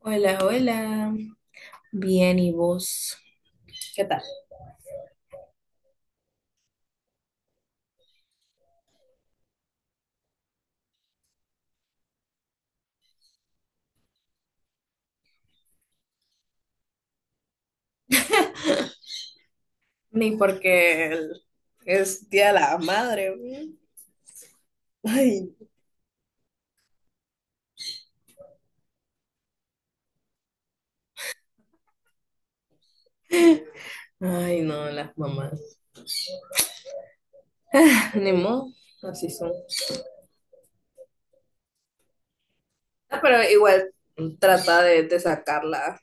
Hola, hola. Bien, ¿y vos? ¿Qué tal? Ni porque el- Es Día de la Madre, güey. Ay. Ay, no, las mamás. Ni modo, así son. Ah, pero igual trata de sacarla.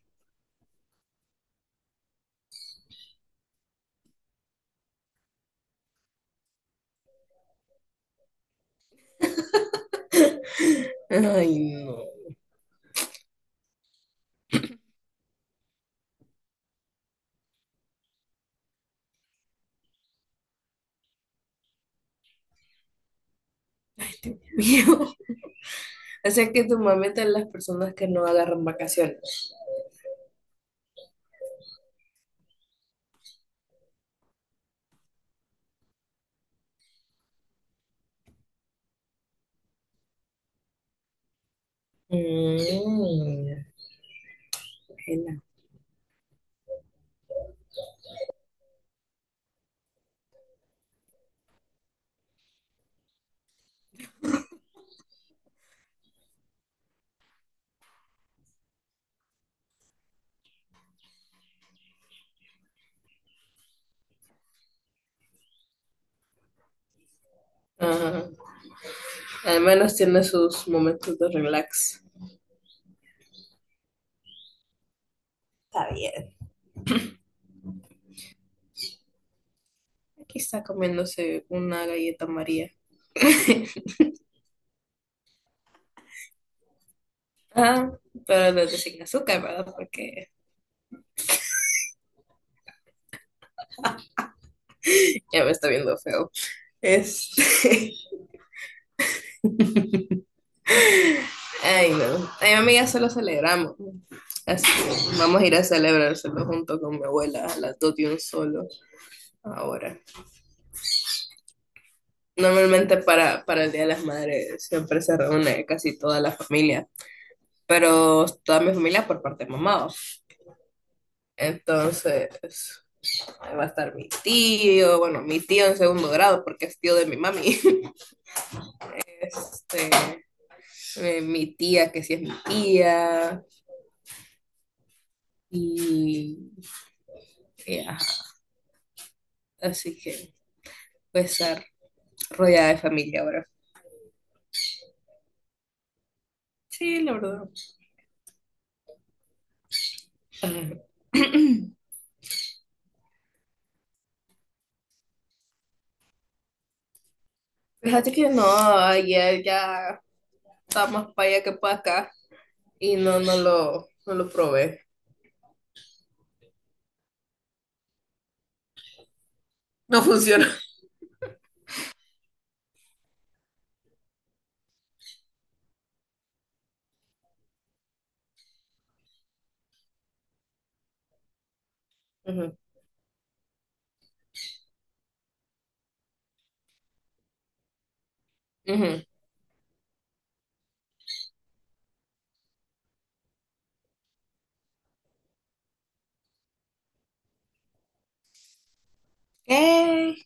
Ay, no. Mío. O sea que tu mamá es de las personas que no agarran vacaciones. Mm. Ajena. Ajá. Al menos tiene sus momentos de relax. Está bien. Aquí está comiéndose una galleta María. Ah, pero los de sin azúcar, ¿verdad? Porque ya me está viendo feo. Este, ay, no. A mi ya solo celebramos. Así que vamos a ir a celebrárselo junto con mi abuela a las 2 de un solo ahora. Normalmente para el Día de las Madres siempre se reúne casi toda la familia, pero toda mi familia por parte de mamá. Entonces, ahí va a estar mi tío, bueno, mi tío en segundo grado porque es tío de mi mami. Este, mi tía, que sí es mi tía, y ajá. Así que voy a estar rodeada de familia ahora. Sí, la verdad. Ajá. Fíjate que no, ayer ya está más para allá que para acá y no, no lo probé. No funciona. Ujú, ujú. Eh,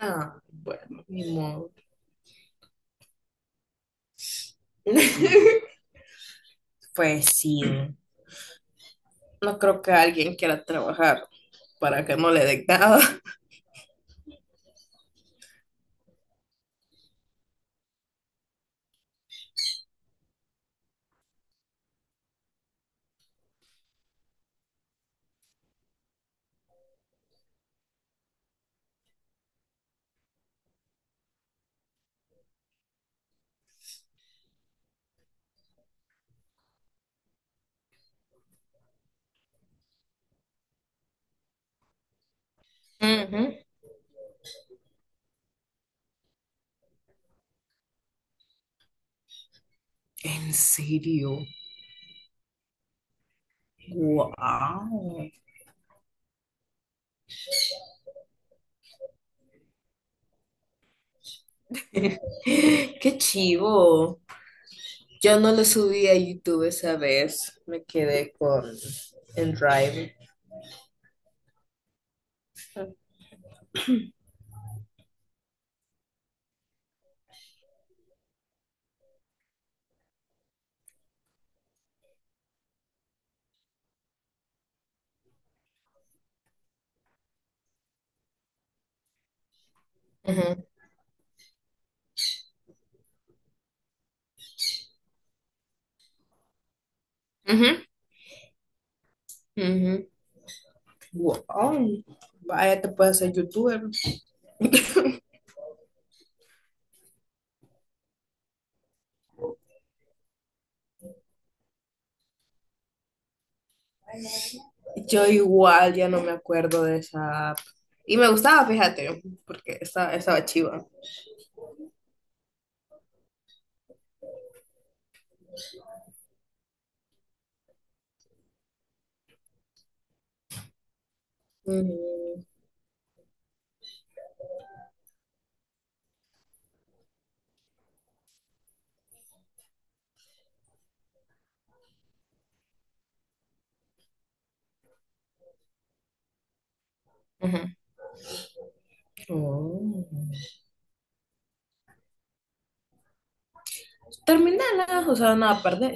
ah, bueno, ni modo. Pues sí. No creo que alguien quiera trabajar para que no le den nada. Ajá. ¿En serio? Wow. Qué chivo. Yo no lo subí a YouTube esa vez. Me quedé con en Drive. Ujú, ujú, ujú. Wow. Vaya, te puedes hacer youtuber. Yo igual ya no me acuerdo de esa app. Y me gustaba, fíjate, porque estaba chiva. Ujú, ujú. Oh. Terminala, o sea, nada, perdé.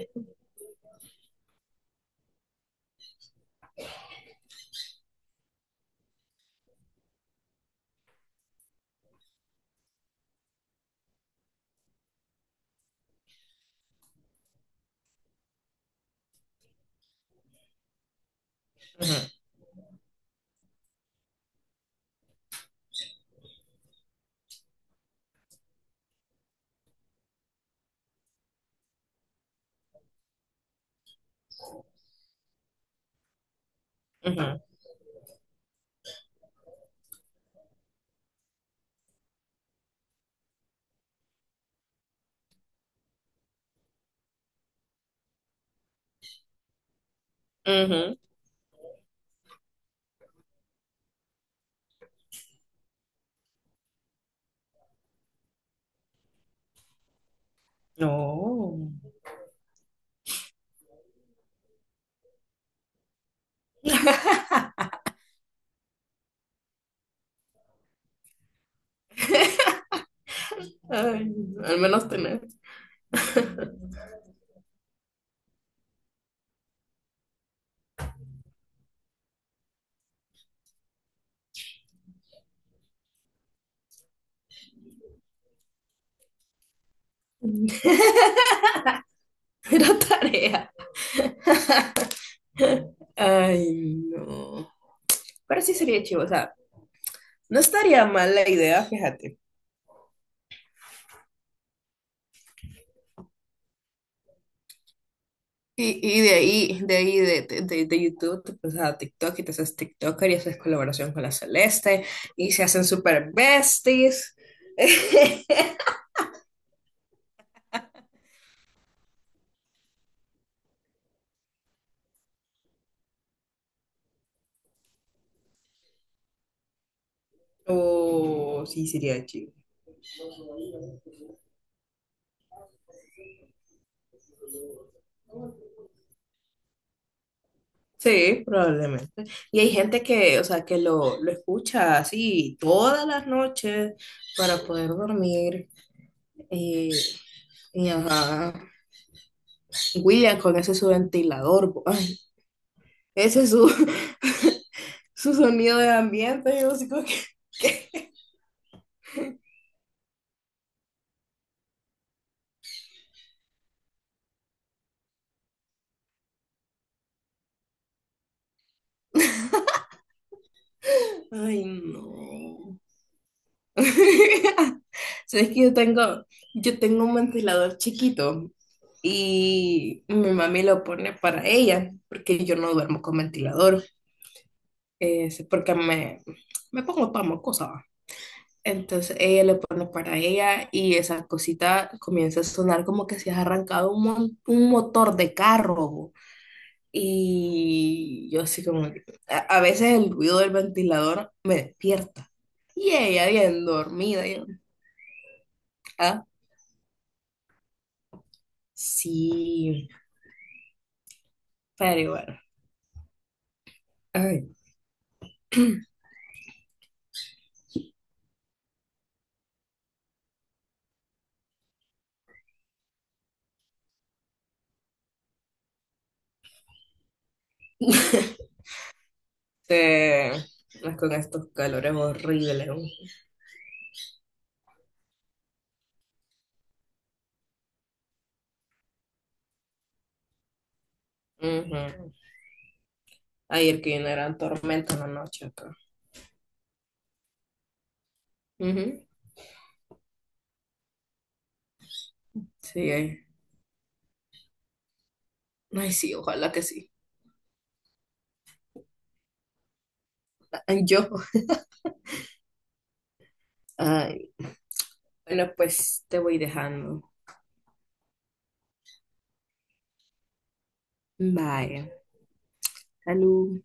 Ujú, ujú, ujú. No. Ay, al menos tener. Era tarea. Ay, no. Pero sí sería chivo, o sea, no estaría mal la idea, fíjate. Y de ahí, de ahí, de YouTube, te pasas a TikTok y te haces TikToker y haces colaboración con la Celeste y se hacen super besties. Oh, sí, sería chivo. Sí, probablemente. Y hay gente que, o sea, que lo escucha así todas las noches para poder dormir. Y, y ajá. William con ese su ventilador, ay, ese es su, su sonido de ambiente. Yo así como que, ay, no. Sabes que yo tengo un ventilador chiquito y mi mami lo pone para ella, porque yo no duermo con ventilador. Es porque me pongo para mocosa. Entonces ella le pone para ella y esa cosita comienza a sonar como que se ha arrancado un, un motor de carro. Y yo así como, a veces el ruido del ventilador me despierta. Y ella bien dormida. Y yo, ah, sí, pero bueno. Ay, te- más con estos calores horribles, ¿no? Ujú. Ayer que vino eran tormentas en la noche acá. Ujú. Sí, ay. Ay, sí, ojalá que sí. Ay, yo. Ay, bueno, pues te voy dejando. Bye. Salud.